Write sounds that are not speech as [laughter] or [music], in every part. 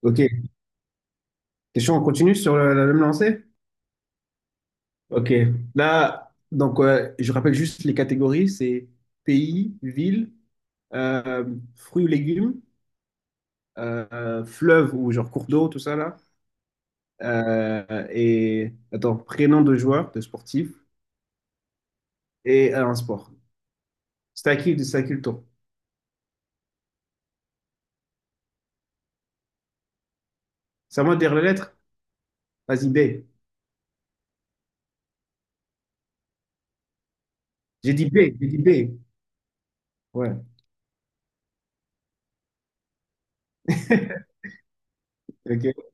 Ok, t'es chaud, on continue sur la même lancée? Ok, là, donc ouais, je rappelle juste les catégories, c'est pays, ville, euh, fruits ou légumes, fleuve ou genre cours d'eau, tout ça là, et attends, prénom de joueur, de sportif, et un sport. C'est à qui le tour? C'est à moi de dire la lettre? Vas-y, B. J'ai dit B, j'ai dit B. Ouais, [laughs] ok.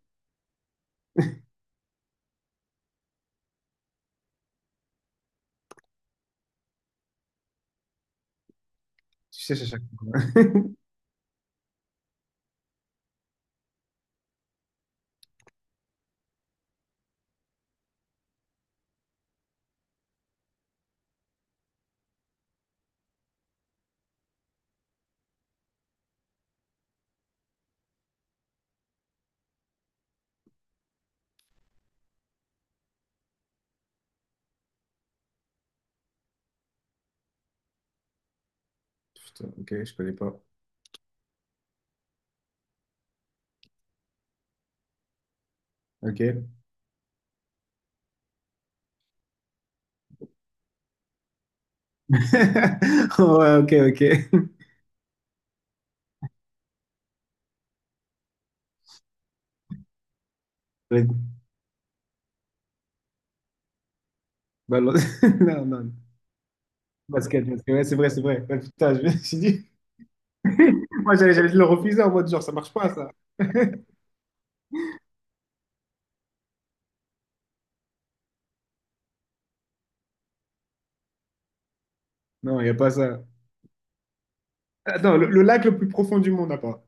Putain, ok, je connais pas. Ok. [laughs] Ouais, ok, ok. [laughs] Balance. [laughs] Non, non. Basket, basket. Ouais, c'est vrai, c'est vrai. Ouais, putain, je me suis dit. [laughs] Moi, j'allais te le refuser en mode genre, ça marche pas, ça. Non, il n'y a pas ça. Attends, le lac le plus profond du monde, à part.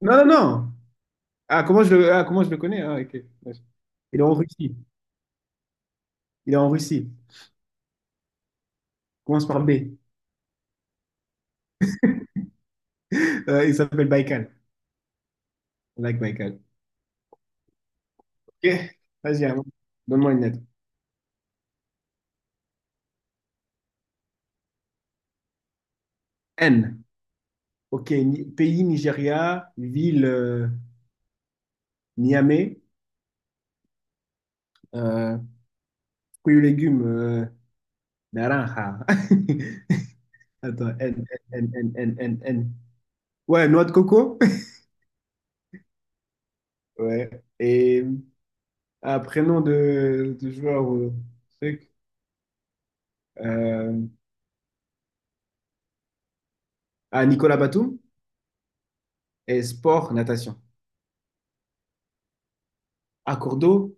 Non, non, non. Ah, ah, comment je le connais? Ah, ok. Ouais. Il est en Russie. Il est en Russie. Commence par B. Il s'appelle Baïkal. Le lac Baïkal. Ok. Vas-y, hein. Donne-moi une lettre. N. Ok. Pays, Nigeria. Ville, Niamey. Euh, fruits et légumes, naranja. [laughs] Attends, N, N, N, N, N, N. Ouais, noix de coco. [laughs] Ouais. Et un prénom de joueur ou truc. Euh, Nicolas Batum. Et sport, natation. À cours d'eau.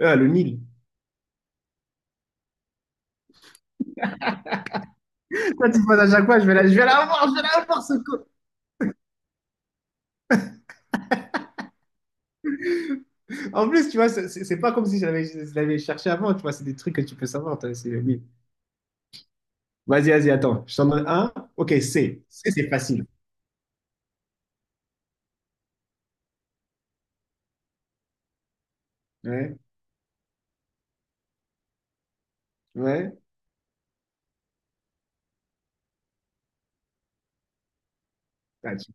Ah, le Nil. [laughs] Toi, tu penses à chaque fois, je vais la voir, je vais la voir, ce coup. En plus, tu vois, c'est pas comme si je l'avais cherché avant, tu vois, c'est des trucs que tu peux savoir, toi, c'est le Nil. Vas-y, vas-y, attends. Je t'en donne un. Ok, C. C, c'est facile. Ouais, ouais. Ah, tu-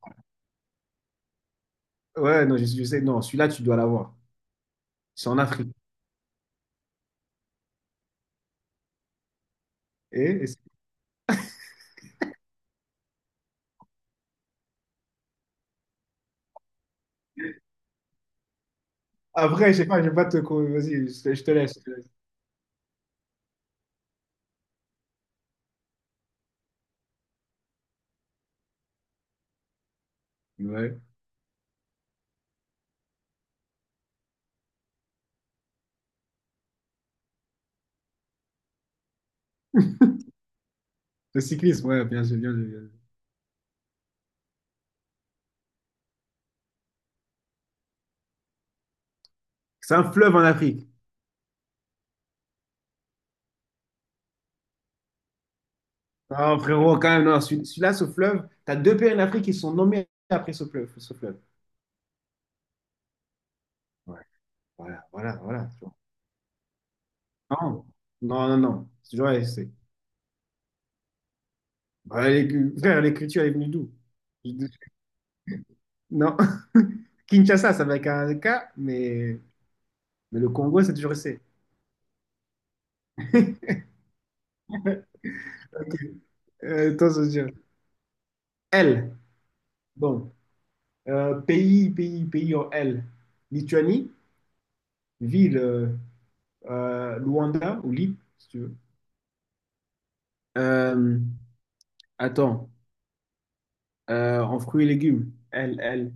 Ouais, non, je sais, non, celui-là, tu dois l'avoir. C'est en Afrique. Et, et c'est- après, je sais pas, je vais pas te. Vas-y, je te laisse. Je te laisse. Ouais. Le cyclisme, ouais, bien sûr, bien sûr, bien sûr. C'est un fleuve en Afrique. Non, frérot, quand même, non. Celui-là, ce fleuve, tu as deux pays en Afrique qui sont nommés après ce fleuve. Ce fleuve. Ouais. Voilà, voilà, voilà, tu vois. Non, non, non, non. Tu vois, c'est- Bah, frère, l'écriture est venue d'où? Je- Non. [laughs] Kinshasa, ça va être un K, mais, mais le Congo, c'est toujours C. Ok. Attends, je veux dire. L. Bon. Pays en L. Lituanie, ville, Luanda ou Lille, si tu veux. Euh, attends, en fruits et légumes, L, L.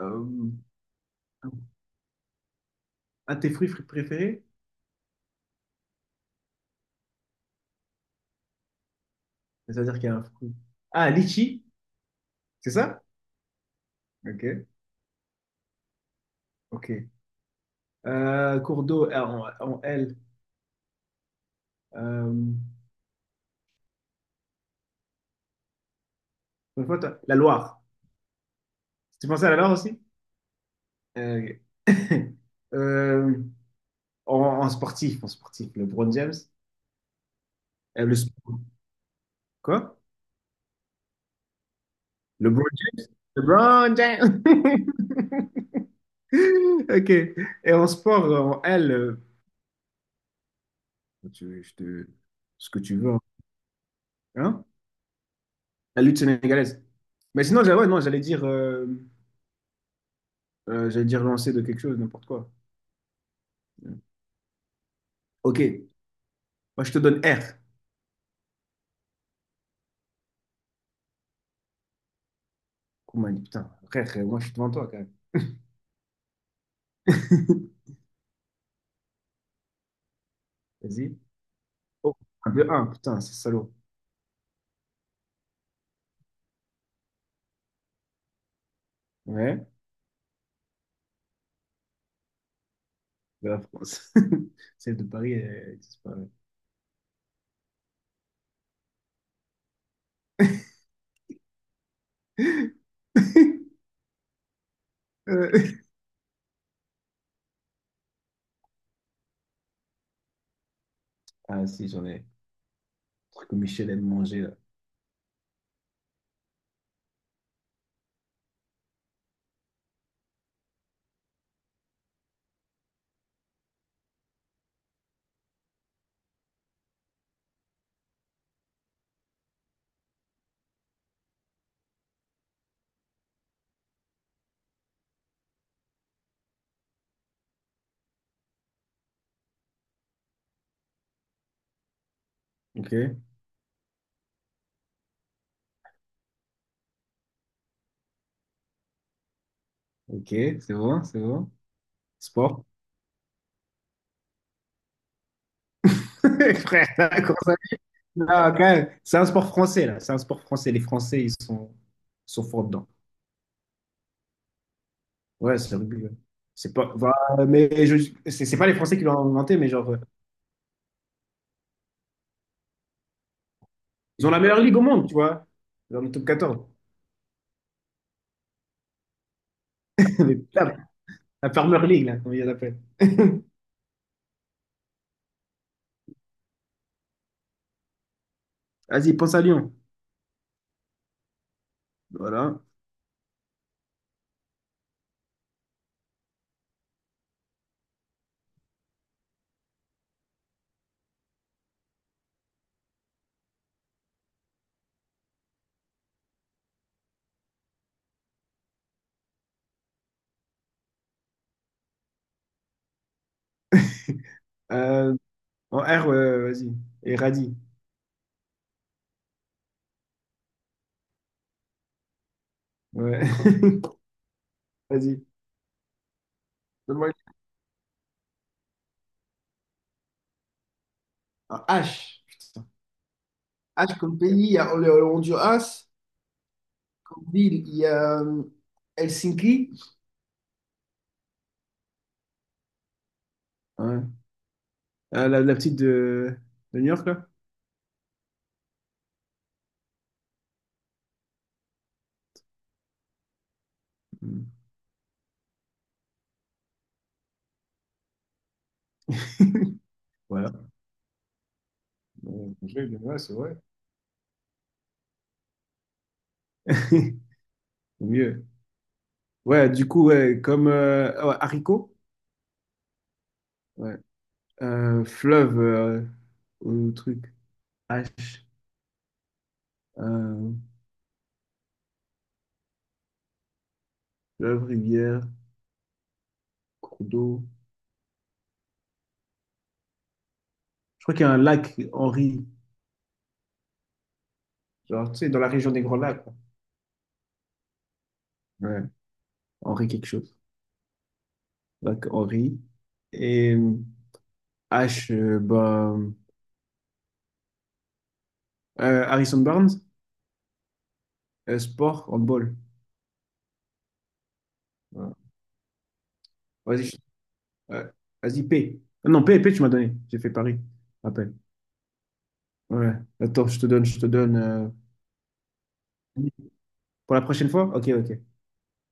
Euh, un de tes préférés? C'est-à-dire qu'il y a un fruit. Ah, litchi, c'est ça? Ok, ok. Cours d'eau en, en L. Euh, la Loire. Tu pensais à la Loire aussi? Ok. [laughs] Euh, en, en sportif, le LeBron James. Le sport. Quoi? LeBron James, LeBron James. [laughs] Ok. Et en sport, en L, tu- je te- ce que tu veux, hein? La lutte sénégalaise. Mais sinon, j'allais- ouais, non, j'allais dire lancer de quelque chose, n'importe quoi. Ok. Moi, je te donne R. Koumani, putain, frère, moi, je suis devant toi quand même. [laughs] Vas-y. Oh, un de un, putain, c'est salaud. Ouais, de la France. [laughs] Celle de Paris, elle, elle disparaît. [laughs] Euh, ah, si, j'en ai. Truc que Michel aime manger, là. Ok, ok, c'est bon, c'est bon. Sport. [laughs] Frère, la course à pied, là, quand même. C'est un sport français, là. C'est un sport français. Les Français, sont forts dedans. Ouais, c'est le rugby, ouais. C'est pas, voilà, mais je, c'est pas les Français qui l'ont inventé, mais genre, ils ont la meilleure ligue au monde, tu vois. Dans le top 14. [laughs] Mais putain, la Farmer League, là, comment ils l'appellent. Vas-y, pense à Lyon. Voilà. Euh, en R, ouais, ouais, vas-y. Et Radi. Ouais. [laughs] Vas-y. Donne-moi- En H. Ah, comme pays, il y a le Honduras, comme ville, il y a Helsinki. Ouais. Ah, la petite de New York, là? Hmm. Voilà. Bon, j'ai- Ouais, c'est vrai. [laughs] Au mieux. Ouais, du coup, ouais, comme ah ouais, haricot. Ouais. Fleuve, au truc. H. Euh, fleuve, rivière, cours d'eau. Je crois qu'il y a un lac Henri. Genre, tu sais, dans la région des Grands Lacs, quoi. Ouais. Henri quelque chose. Lac Henri. Et H, bah, Harrison Barnes, sport, handball. Voilà. Vas-y, je- euh, vas-y, P. Ah non, P, P, tu m'as donné. J'ai fait Paris. Rappel. Ouais. Attends, je te donne, je te donne. Euh, pour la prochaine fois? Ok, ok.